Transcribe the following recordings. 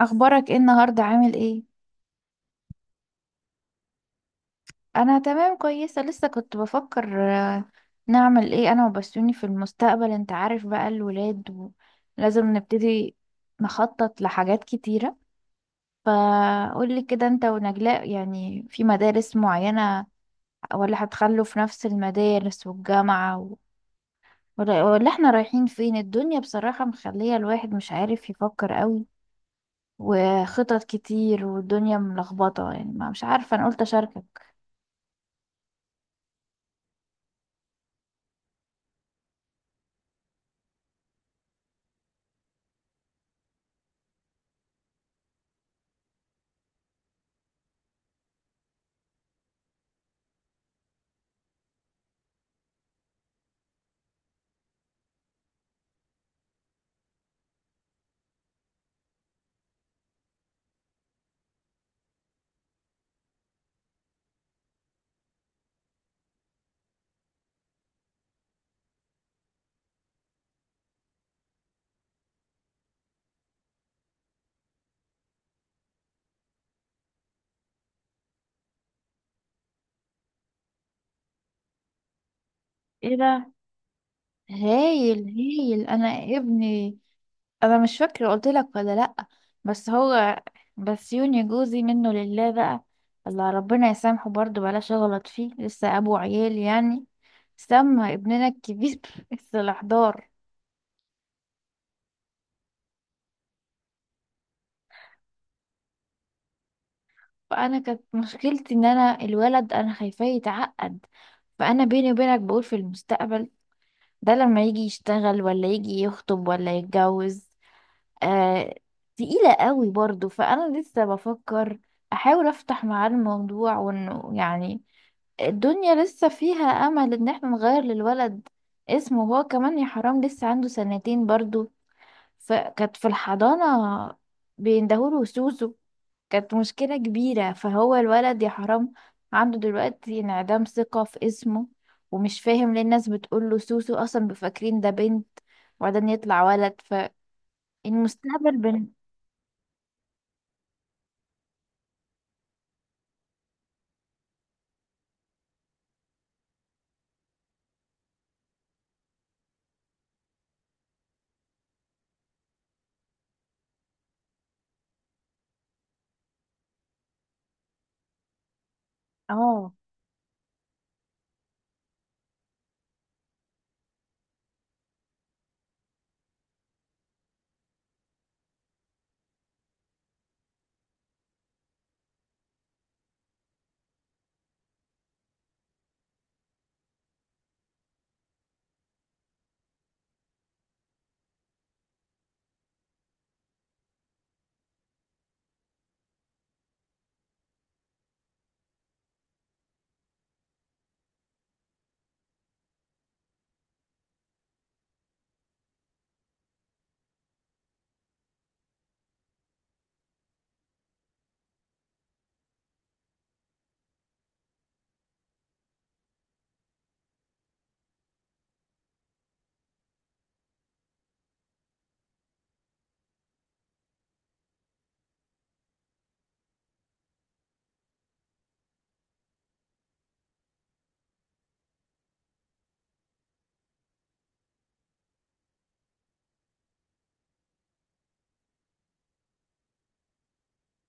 اخبارك ايه النهارده؟ عامل ايه؟ انا تمام كويسه. لسه كنت بفكر، نعمل ايه انا وبسوني في المستقبل. انت عارف بقى الولاد، ولازم نبتدي نخطط لحاجات كتيره. فقولي كده، انت ونجلاء يعني في مدارس معينه، ولا هتخلوا في نفس المدارس والجامعه ولا احنا رايحين فين؟ الدنيا بصراحه مخليه الواحد مش عارف يفكر قوي، وخطط كتير، والدنيا ملخبطه يعني، ما مش عارفه، انا قلت اشاركك. ايه ده؟ هايل هايل. انا ابني، انا مش فاكره قلت لك ولا لا، بس هو، بس يوني جوزي منه لله بقى، الله ربنا يسامحه، برضه بلاش اغلط فيه لسه ابو عيال يعني، سمى ابننا الكبير الاحضار. فانا كانت مشكلتي ان انا الولد انا خايفاه يتعقد، فانا بيني وبينك بقول في المستقبل ده لما يجي يشتغل ولا يجي يخطب ولا يتجوز، آه تقيلة قوي برضو. فأنا لسه بفكر أحاول أفتح معاه الموضوع، وإنه يعني الدنيا لسه فيها امل ان احنا نغير للولد اسمه. هو كمان يا حرام لسه عنده سنتين برضو، فكانت في الحضانة بيندهوله سوسو، كانت مشكلة كبيرة. فهو الولد يا حرام عنده دلوقتي انعدام ثقة في اسمه، ومش فاهم ليه الناس بتقوله سوسو اصلا، بفاكرين ده بنت وبعدين يطلع ولد، فالمستقبل... اه.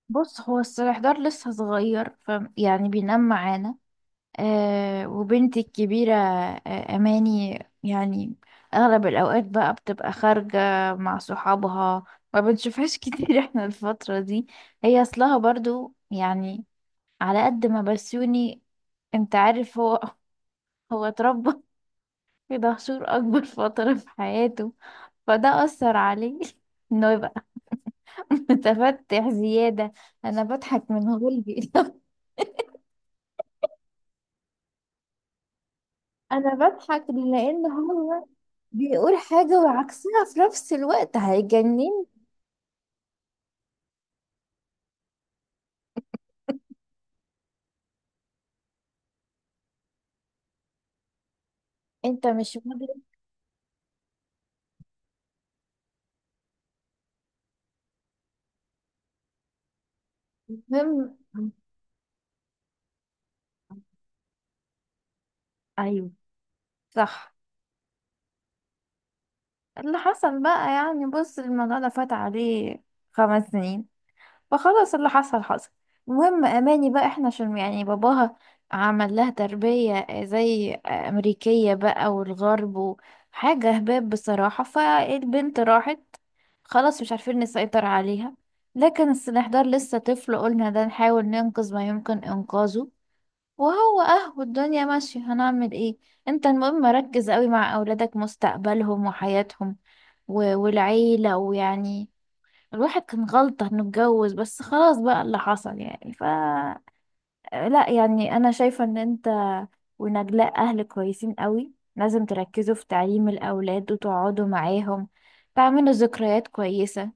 بص، هو السرحدار لسه صغير، يعني بينام معانا. آه، وبنتي الكبيرة آه أماني، يعني أغلب الأوقات بقى بتبقى خارجة مع صحابها، ما بنشوفهاش كتير احنا الفترة دي. هي أصلها برضو يعني، على قد ما بسيوني انت عارف هو هو اتربى في دهشور أكبر فترة في حياته، فده أثر عليه انه يبقى متفتح زيادة. أنا بضحك من غلبي أنا بضحك لأن هو بيقول حاجة وعكسها في نفس الوقت، هيجنن. أنت مش مدرك. المهم أيوه، صح. اللي حصل بقى يعني، بص، الموضوع ده فات عليه خمس سنين، فخلاص اللي حصل حصل. المهم اماني بقى، احنا عشان يعني باباها عمل لها تربية زي امريكية بقى والغرب، وحاجة هباب بصراحة، فالبنت راحت خلاص مش عارفين نسيطر عليها. لكن السنحدار لسه طفل، قلنا ده نحاول ننقذ ما يمكن انقاذه، وهو اه والدنيا ماشية هنعمل ايه. انت المهم ركز قوي مع اولادك، مستقبلهم وحياتهم والعيلة، ويعني الواحد كان غلطة انه اتجوز، بس خلاص بقى اللي حصل يعني، لا يعني انا شايفة ان انت ونجلاء اهل كويسين قوي، لازم تركزوا في تعليم الاولاد وتقعدوا معاهم تعملوا ذكريات كويسة.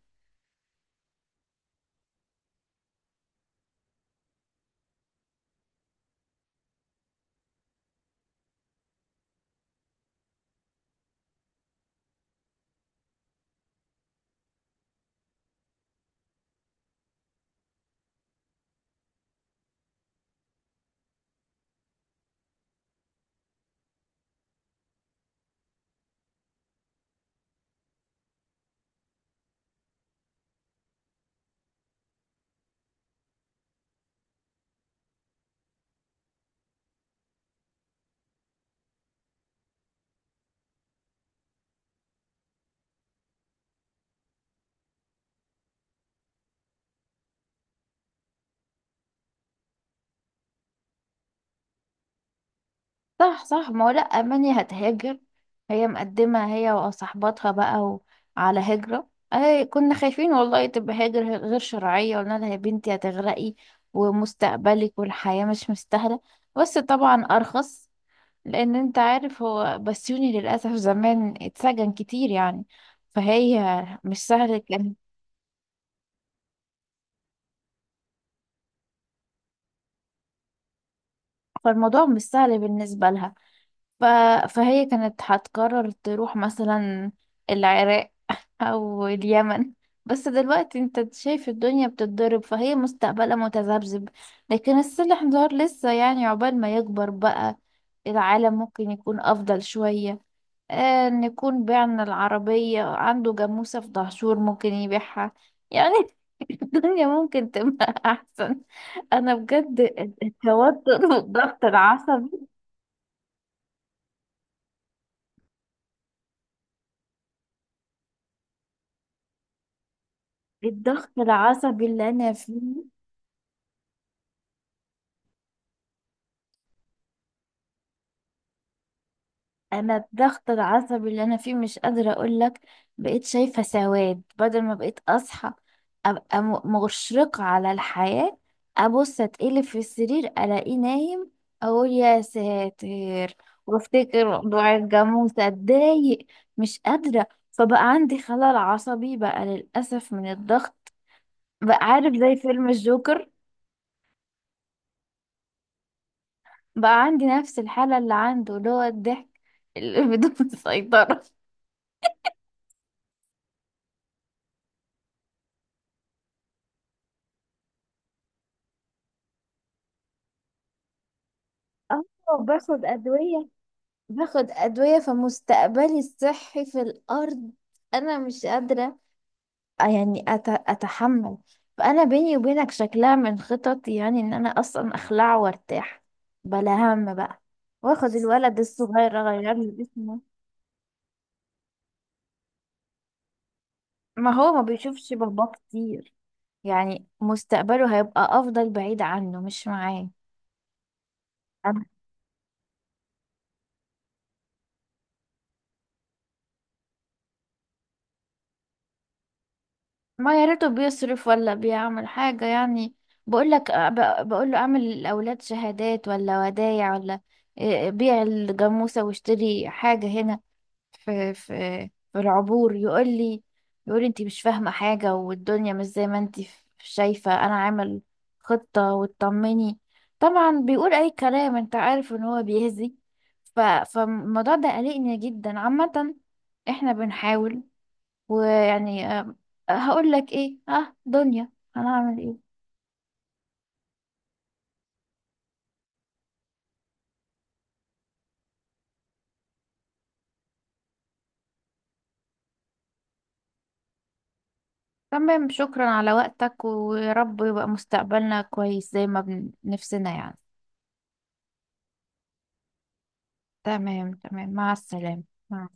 صح صح. ما هو لا، اماني هتهاجر، هي مقدمة هي وصاحباتها بقى على هجرة. اي كنا خايفين والله تبقى هاجر غير شرعية، قلنا لها يا بنتي هتغرقي، ومستقبلك والحياة مش مستاهلة، بس طبعا ارخص، لان انت عارف هو بسيوني للاسف زمان اتسجن كتير يعني، فهي مش سهل كان. فالموضوع مش سهل بالنسبه لها. ف... فهي كانت هتقرر تروح مثلا العراق او اليمن، بس دلوقتي انت شايف الدنيا بتتضرب، فهي مستقبلها متذبذب. لكن السلاح دار لسه يعني، عقبال ما يكبر بقى العالم ممكن يكون افضل شويه، آه نكون بعنا العربية، عنده جاموسة في دهشور ممكن يبيعها يعني الدنيا ممكن تبقى أحسن. أنا بجد، التوتر والضغط العصبي، الضغط العصبي اللي أنا فيه، انا الضغط العصبي اللي انا فيه مش قادره اقول لك. بقيت شايفه سواد، بدل ما بقيت اصحى ابقى مشرقه على الحياه، ابص اتقلب في السرير الاقيه نايم، اقول يا ساتر، وافتكر موضوع الجاموسه اتضايق، مش قادره، فبقى عندي خلل عصبي بقى للاسف من الضغط. بقى عارف زي فيلم الجوكر، بقى عندي نفس الحاله اللي عنده، اللي هو الضحك اللي بدون سيطره. اه، باخد أدوية، باخد أدوية، فمستقبلي الصحي في الأرض. أنا مش قادرة يعني أتحمل. فأنا بيني وبينك شكلها من خططي يعني إن أنا أصلا أخلع وأرتاح بلا هم بقى، وآخد الولد الصغير أغير له اسمه. ما هو ما بيشوفش باباه كتير، يعني مستقبله هيبقى أفضل بعيد عنه مش معاه. ما يا ريته بيصرف ولا بيعمل حاجة يعني، بقول لك، بقول له اعمل للأولاد شهادات ولا ودايع ولا إيه، بيع الجاموسة واشتري حاجة هنا في في في العبور، يقول لي، يقول لي انت مش فاهمة حاجة والدنيا مش زي ما انت شايفة، انا عامل خطة وتطمني. طبعا بيقول اي كلام، انت عارف ان هو بيهزي. فالموضوع ده قلقني جدا عامة، احنا بنحاول، ويعني آه، هقول لك ايه، اه دنيا، هنعمل ايه. تمام، شكرا على وقتك، ويا رب يبقى مستقبلنا كويس زي ما نفسنا يعني. تمام تمام. مع السلامة. مع